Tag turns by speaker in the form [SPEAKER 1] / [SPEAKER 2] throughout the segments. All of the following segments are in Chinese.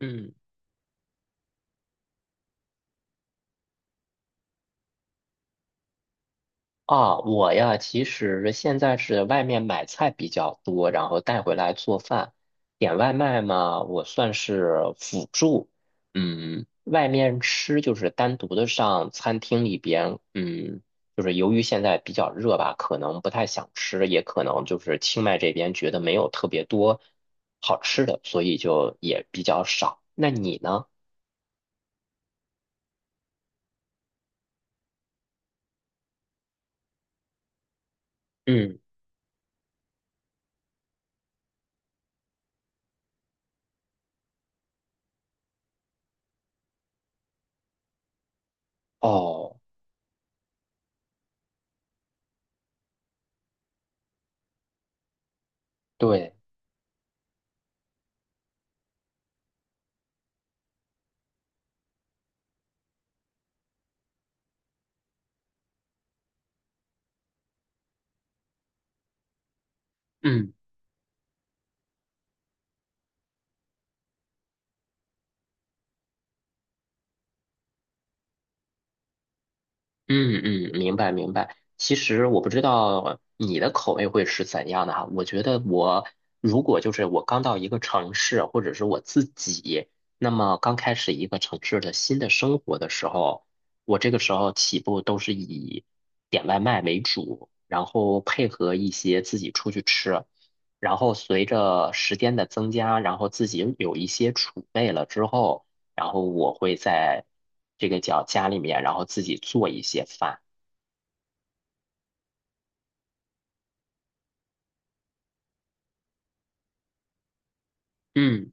[SPEAKER 1] 嗯啊，我呀，其实现在是外面买菜比较多，然后带回来做饭。点外卖嘛，我算是辅助。嗯，外面吃就是单独的上餐厅里边，就是由于现在比较热吧，可能不太想吃，也可能就是清迈这边觉得没有特别多好吃的，所以就也比较少。那你呢？嗯，哦，对。嗯。嗯嗯，明白明白。其实我不知道你的口味会是怎样的哈。我觉得我如果就是我刚到一个城市，或者是我自己，那么刚开始一个城市的新的生活的时候，我这个时候起步都是以点外卖为主，然后配合一些自己出去吃。然后随着时间的增加，然后自己有一些储备了之后。然后我会在这个叫家里面，然后自己做一些饭。嗯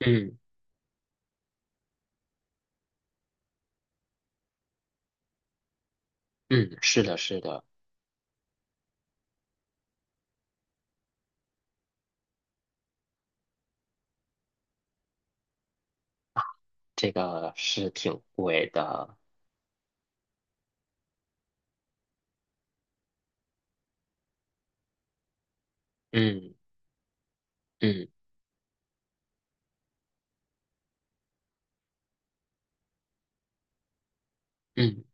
[SPEAKER 1] 嗯嗯，是的，是的，这个是挺贵的。嗯嗯嗯。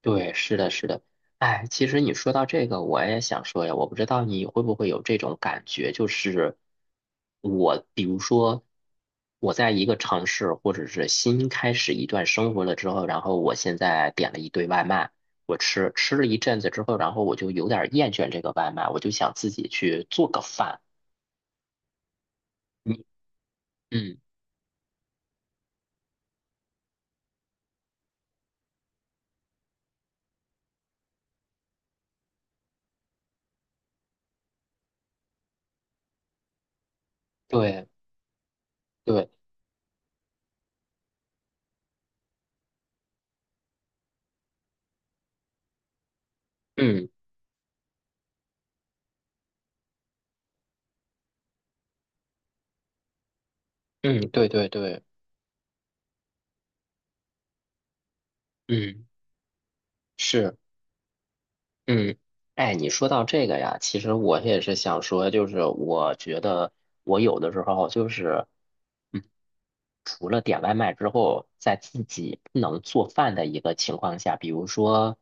[SPEAKER 1] 对，是的，是的。哎，其实你说到这个，我也想说呀，我不知道你会不会有这种感觉，就是我，比如说我在一个城市或者是新开始一段生活了之后，然后我现在点了一堆外卖，我吃了一阵子之后，然后我就有点儿厌倦这个外卖，我就想自己去做个饭。你，嗯，对对，嗯嗯，对对对，嗯，是。嗯，哎，你说到这个呀，其实我也是想说，就是我觉得我有的时候就是，嗯，除了点外卖之后，在自己不能做饭的一个情况下，比如说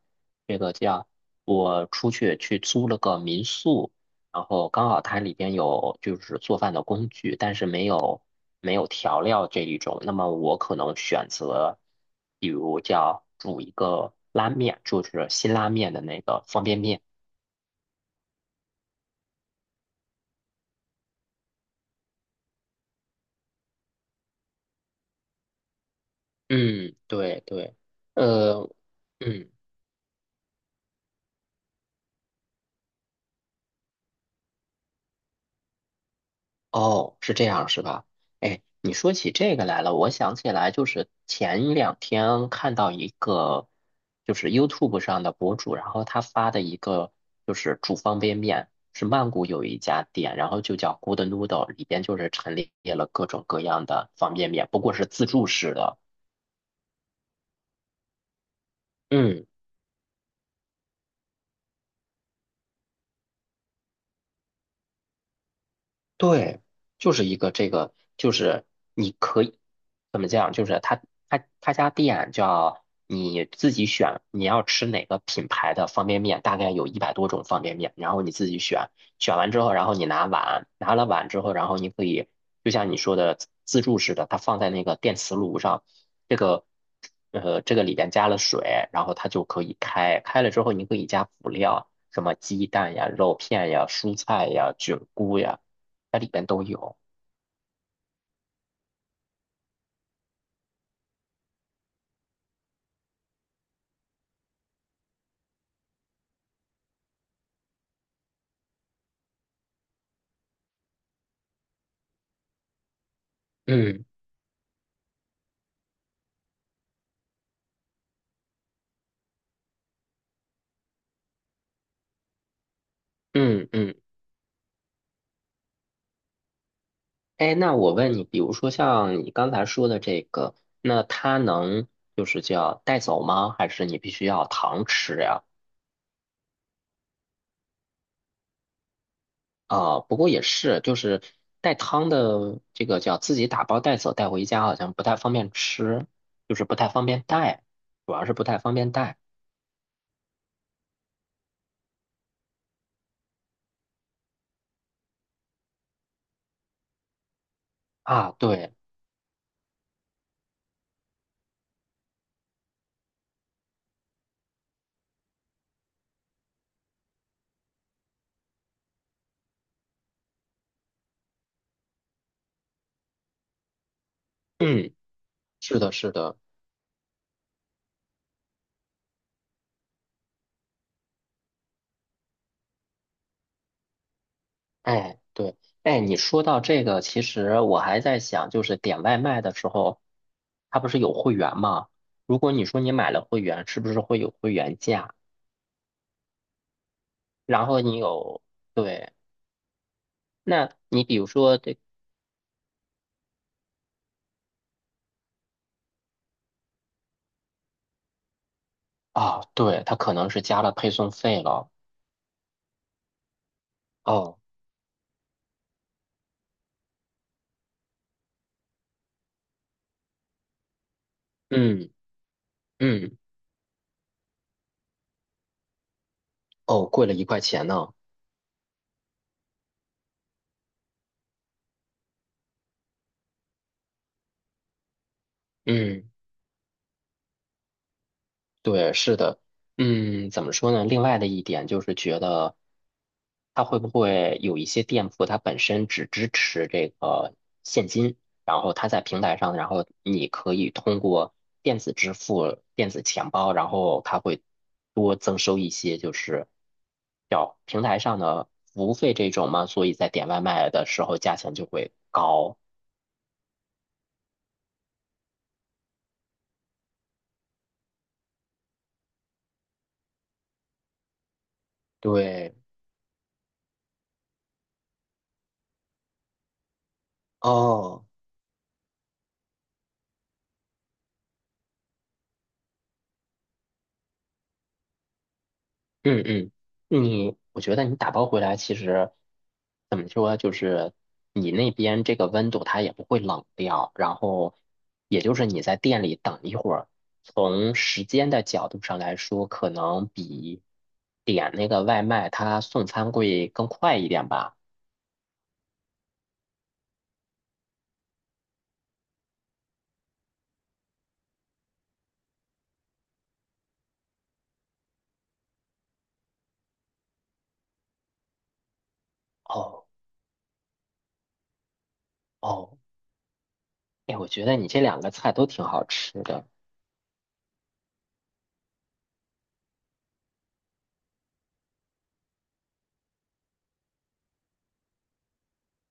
[SPEAKER 1] 这个叫我出去租了个民宿，然后刚好它里边有就是做饭的工具，但是没有调料这一种，那么我可能选择，比如叫煮一个拉面，就是辛拉面的那个方便面。嗯，对对，呃，嗯，哦，是这样是吧？哎，你说起这个来了，我想起来，就是前两天看到一个，就是 YouTube 上的博主，然后他发的一个就是煮方便面，是曼谷有一家店，然后就叫 Good Noodle,里边就是陈列了各种各样的方便面，不过是自助式的。嗯。对，就是一个这个，就是你可以怎么讲？就是他家店叫你自己选，你要吃哪个品牌的方便面，大概有100多种方便面，然后你自己选，选完之后，然后你拿碗，拿了碗之后，然后你可以就像你说的自助似的，它放在那个电磁炉上，这个这个里边加了水，然后它就可以开了之后你可以加辅料，什么鸡蛋呀、肉片呀、蔬菜呀、菌菇呀。它里边都有。嗯嗯嗯，哎，那我问你，比如说像你刚才说的这个，那它能就是叫带走吗？还是你必须要糖吃呀？啊，不过也是，就是带汤的这个叫自己打包带走带回家，好像不太方便吃，就是不太方便带，主要是不太方便带啊。对，嗯，是的，是的。哎，对，哎，你说到这个，其实我还在想，就是点外卖的时候，它不是有会员吗？如果你说你买了会员，是不是会有会员价？然后你有，对，那你比如说这，啊，对，它可能是加了配送费了。哦，嗯嗯，哦，贵了1块钱呢。嗯。对，是的，嗯，怎么说呢？另外的一点就是觉得，它会不会有一些店铺它本身只支持这个现金，然后它在平台上，然后你可以通过电子支付、电子钱包，然后它会多增收一些，就是叫平台上的服务费这种嘛，所以在点外卖的时候价钱就会高。对，哦。嗯嗯，我觉得你打包回来其实怎么说，就是你那边这个温度它也不会冷掉，然后也就是你在店里等一会儿，从时间的角度上来说，可能比点那个外卖它送餐会更快一点吧。哦哦，哎，我觉得你这两个菜都挺好吃的。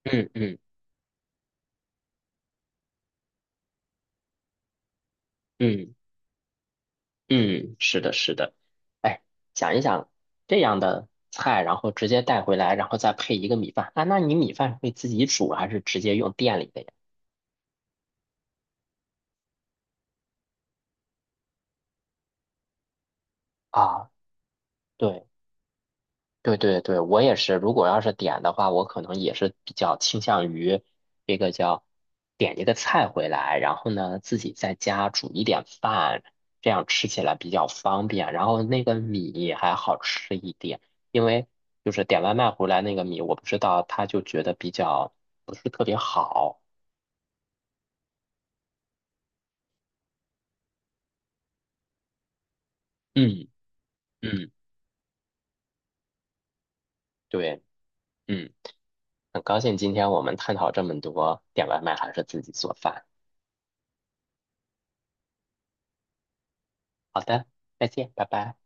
[SPEAKER 1] 嗯嗯嗯。嗯，是的，是的。哎，想一想这样的菜，然后直接带回来，然后再配一个米饭啊？那你米饭会自己煮还是直接用店里的呀？啊，对，对对对，我也是。如果要是点的话，我可能也是比较倾向于这个叫点一个菜回来，然后呢自己在家煮一点饭，这样吃起来比较方便。然后那个米还好吃一点，因为就是点外卖回来那个米，我不知道他就觉得比较不是特别好。嗯嗯，对，嗯，很高兴今天我们探讨这么多点外卖还是自己做饭。好的，再见，拜拜。